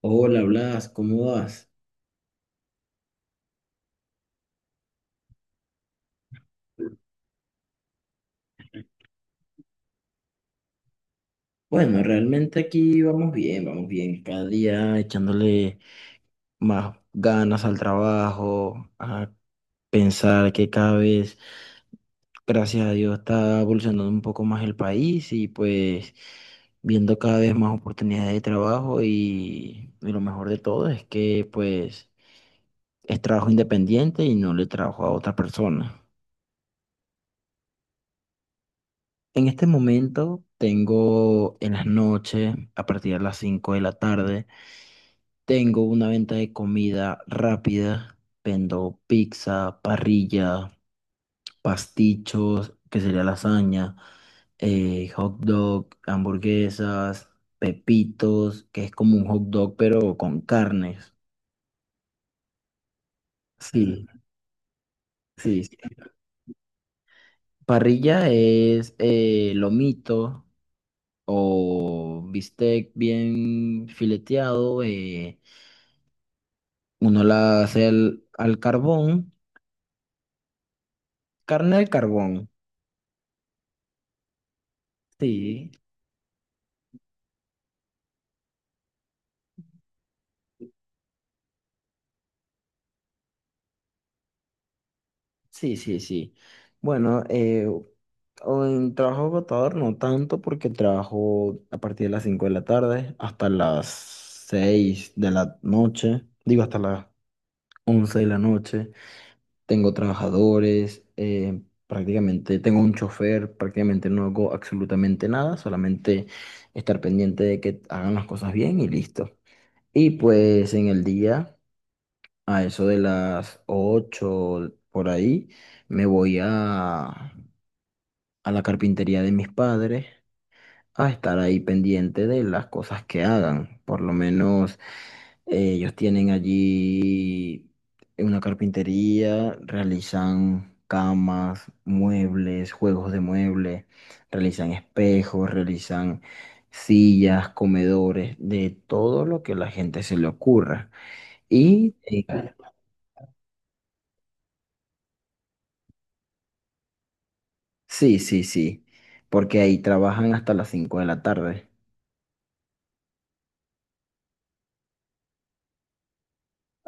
Hola Blas, ¿cómo vas? Bueno, realmente aquí vamos bien, vamos bien. Cada día echándole más ganas al trabajo, a pensar que cada vez, gracias a Dios, está evolucionando un poco más el país y pues viendo cada vez más oportunidades de trabajo y lo mejor de todo es que pues es trabajo independiente y no le trabajo a otra persona. En este momento tengo en las noches, a partir de las 5 de la tarde, tengo una venta de comida rápida. Vendo pizza, parrilla, pastichos, que sería lasaña, hot dog, hamburguesas, pepitos, que es como un hot dog pero con carnes. Sí, sí, sí. Parrilla es lomito o bistec bien fileteado. Uno la hace al carbón, carne al carbón. Sí, sí, sí, sí. Bueno, o en trabajo agotador no tanto porque trabajo a partir de las 5 de la tarde hasta las 6 de la noche, digo hasta las 11 de la noche. Tengo trabajadores, prácticamente tengo un chofer, prácticamente no hago absolutamente nada, solamente estar pendiente de que hagan las cosas bien y listo. Y pues en el día, a eso de las 8 por ahí, me voy a la carpintería de mis padres a estar ahí pendiente de las cosas que hagan. Por lo menos ellos tienen allí una carpintería, realizan camas, muebles, juegos de muebles, realizan espejos, realizan sillas, comedores, de todo lo que a la gente se le ocurra. Claro. Sí, sí, sí, porque ahí trabajan hasta las 5 de la tarde.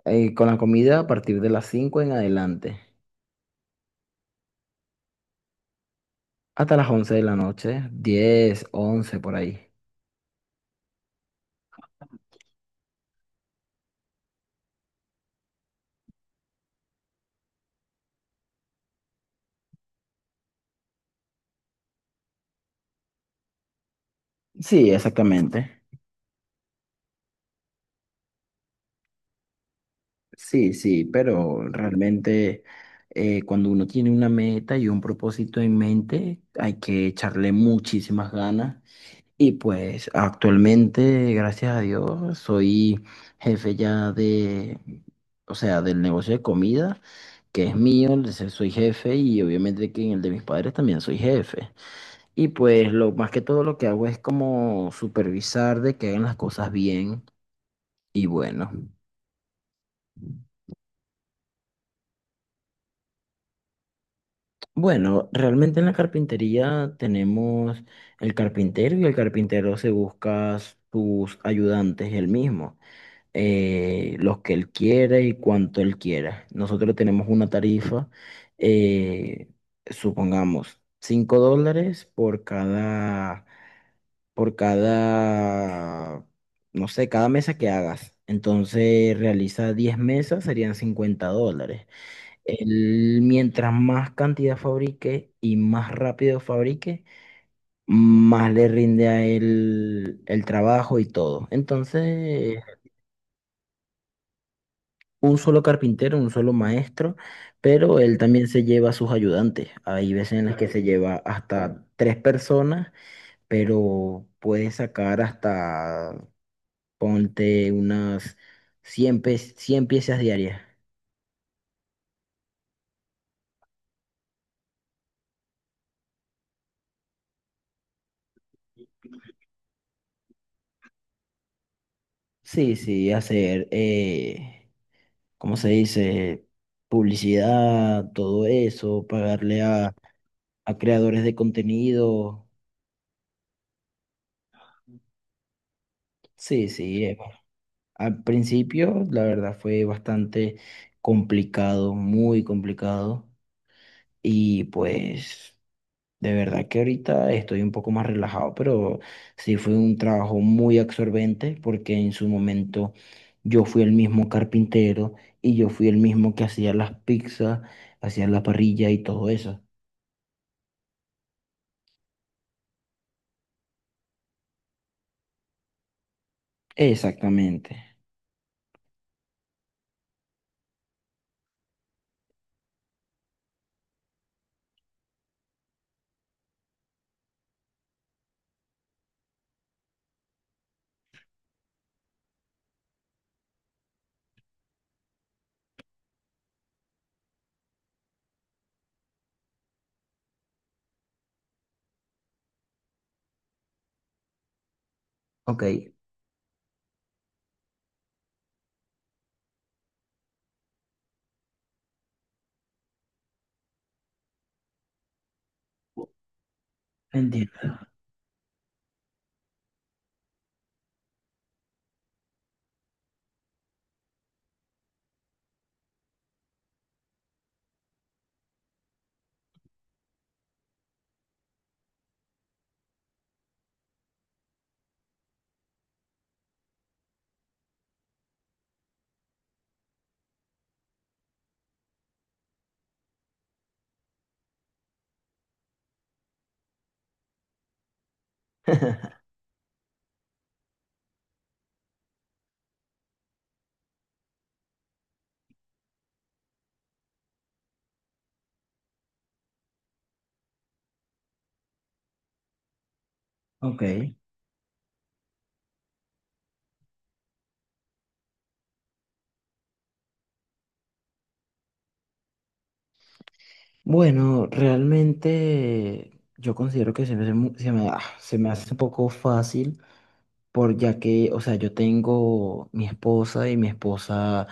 Con la comida a partir de las 5 en adelante, hasta las 11 de la noche, 10, 11 por ahí. Sí, exactamente. Sí, sí, pero realmente cuando uno tiene una meta y un propósito en mente, hay que echarle muchísimas ganas. Y pues actualmente, gracias a Dios, soy jefe ya de, o sea, del negocio de comida, que es mío, entonces soy jefe y obviamente que en el de mis padres también soy jefe. Y pues lo más que todo lo que hago es como supervisar de que hagan las cosas bien y bueno. Bueno, realmente en la carpintería tenemos el carpintero y el carpintero se busca sus ayudantes él mismo, los que él quiere y cuanto él quiera. Nosotros tenemos una tarifa, eh, supongamos, $5 por cada por cada, no sé, cada mesa que hagas. Entonces realiza 10 mesas, serían $50. Él, mientras más cantidad fabrique y más rápido fabrique, más le rinde a él el trabajo y todo. Entonces, un solo carpintero, un solo maestro, pero él también se lleva a sus ayudantes. Hay veces en las que se lleva hasta 3 personas, pero puede sacar hasta, ponte, unas 100 piezas diarias. Sí, sí, hacer, ¿cómo se dice? Publicidad, todo eso, pagarle a creadores de contenido. Sí, sí. Al principio, la verdad, fue bastante complicado, muy complicado. Y pues, de verdad que ahorita estoy un poco más relajado, pero sí fue un trabajo muy absorbente porque en su momento yo fui el mismo carpintero y yo fui el mismo que hacía las pizzas, hacía la parrilla y todo eso. Exactamente. Ok, entiendo. Ok. Bueno, realmente yo considero que se me, hace mu- se me, ah, se me hace un poco fácil, por ya que, o sea, yo tengo mi esposa y mi esposa.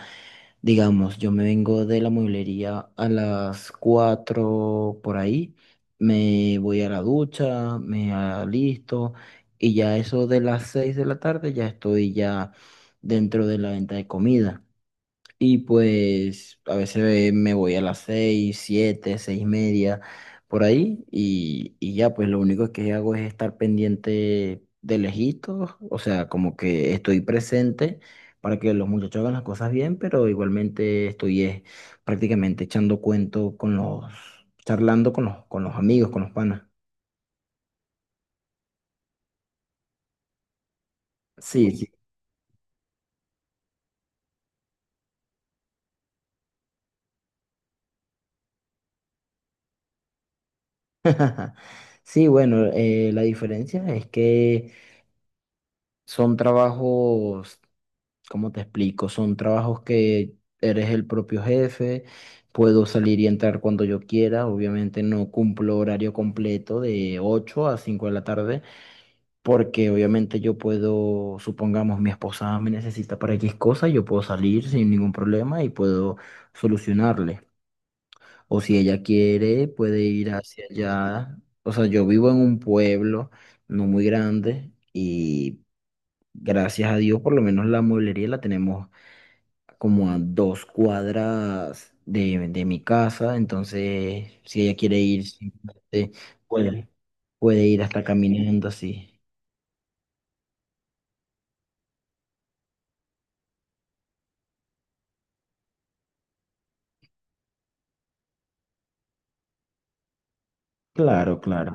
Digamos, yo me vengo de la mueblería a las 4 por ahí, me voy a la ducha, me alisto y ya eso de las 6 de la tarde ya estoy ya dentro de la venta de comida. Y pues a veces me voy a las 6, 7, 6:30, por ahí, y ya, pues lo único que hago es estar pendiente de lejitos, o sea, como que estoy presente para que los muchachos hagan las cosas bien, pero igualmente estoy prácticamente echando cuento charlando con los amigos, con los panas. Sí, sí. Sí, bueno, la diferencia es que son trabajos. ¿Cómo te explico? Son trabajos que eres el propio jefe, puedo salir y entrar cuando yo quiera, obviamente no cumplo horario completo de 8 a 5 de la tarde, porque obviamente yo puedo, supongamos mi esposa me necesita para X cosa, yo puedo salir sin ningún problema y puedo solucionarle. O si ella quiere, puede ir hacia allá. O sea, yo vivo en un pueblo no muy grande y gracias a Dios por lo menos la mueblería la tenemos como a 2 cuadras de mi casa, entonces si ella quiere ir, simplemente puede, puede ir hasta caminando así. Claro, claro,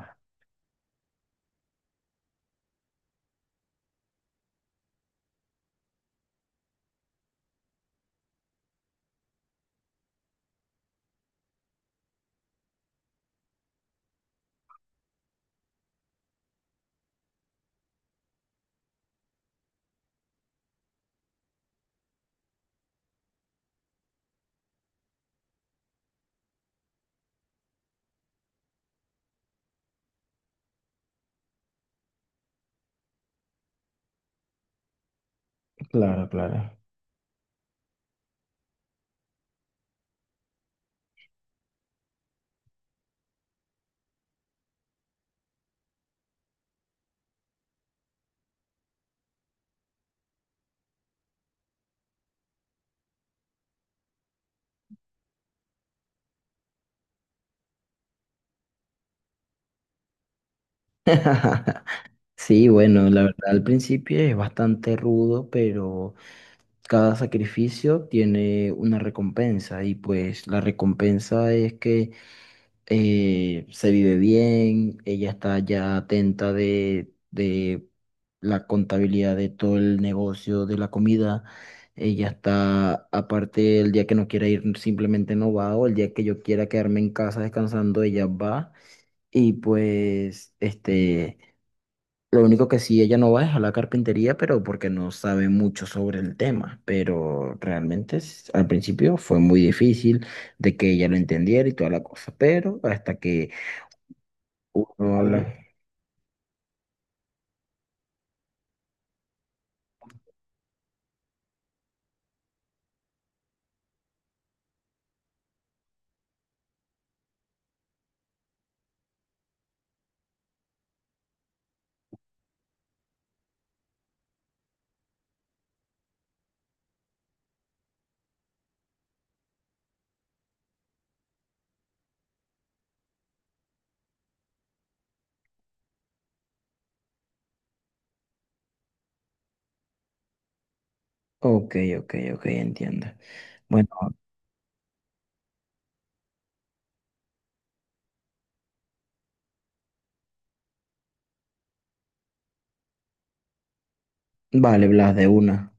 claro, claro. Sí, bueno, la verdad al principio es bastante rudo, pero cada sacrificio tiene una recompensa y pues la recompensa es que se vive bien, ella está ya atenta de la contabilidad de todo el negocio de la comida, ella está, aparte, el día que no quiera ir simplemente no va, o el día que yo quiera quedarme en casa descansando, ella va, y pues, este, lo único que sí ella no va es a la carpintería, pero porque no sabe mucho sobre el tema, pero realmente al principio fue muy difícil de que ella lo entendiera y toda la cosa, pero hasta que Hola. Ok, ok, ok, entiendo. Bueno, vale, Blas, de una.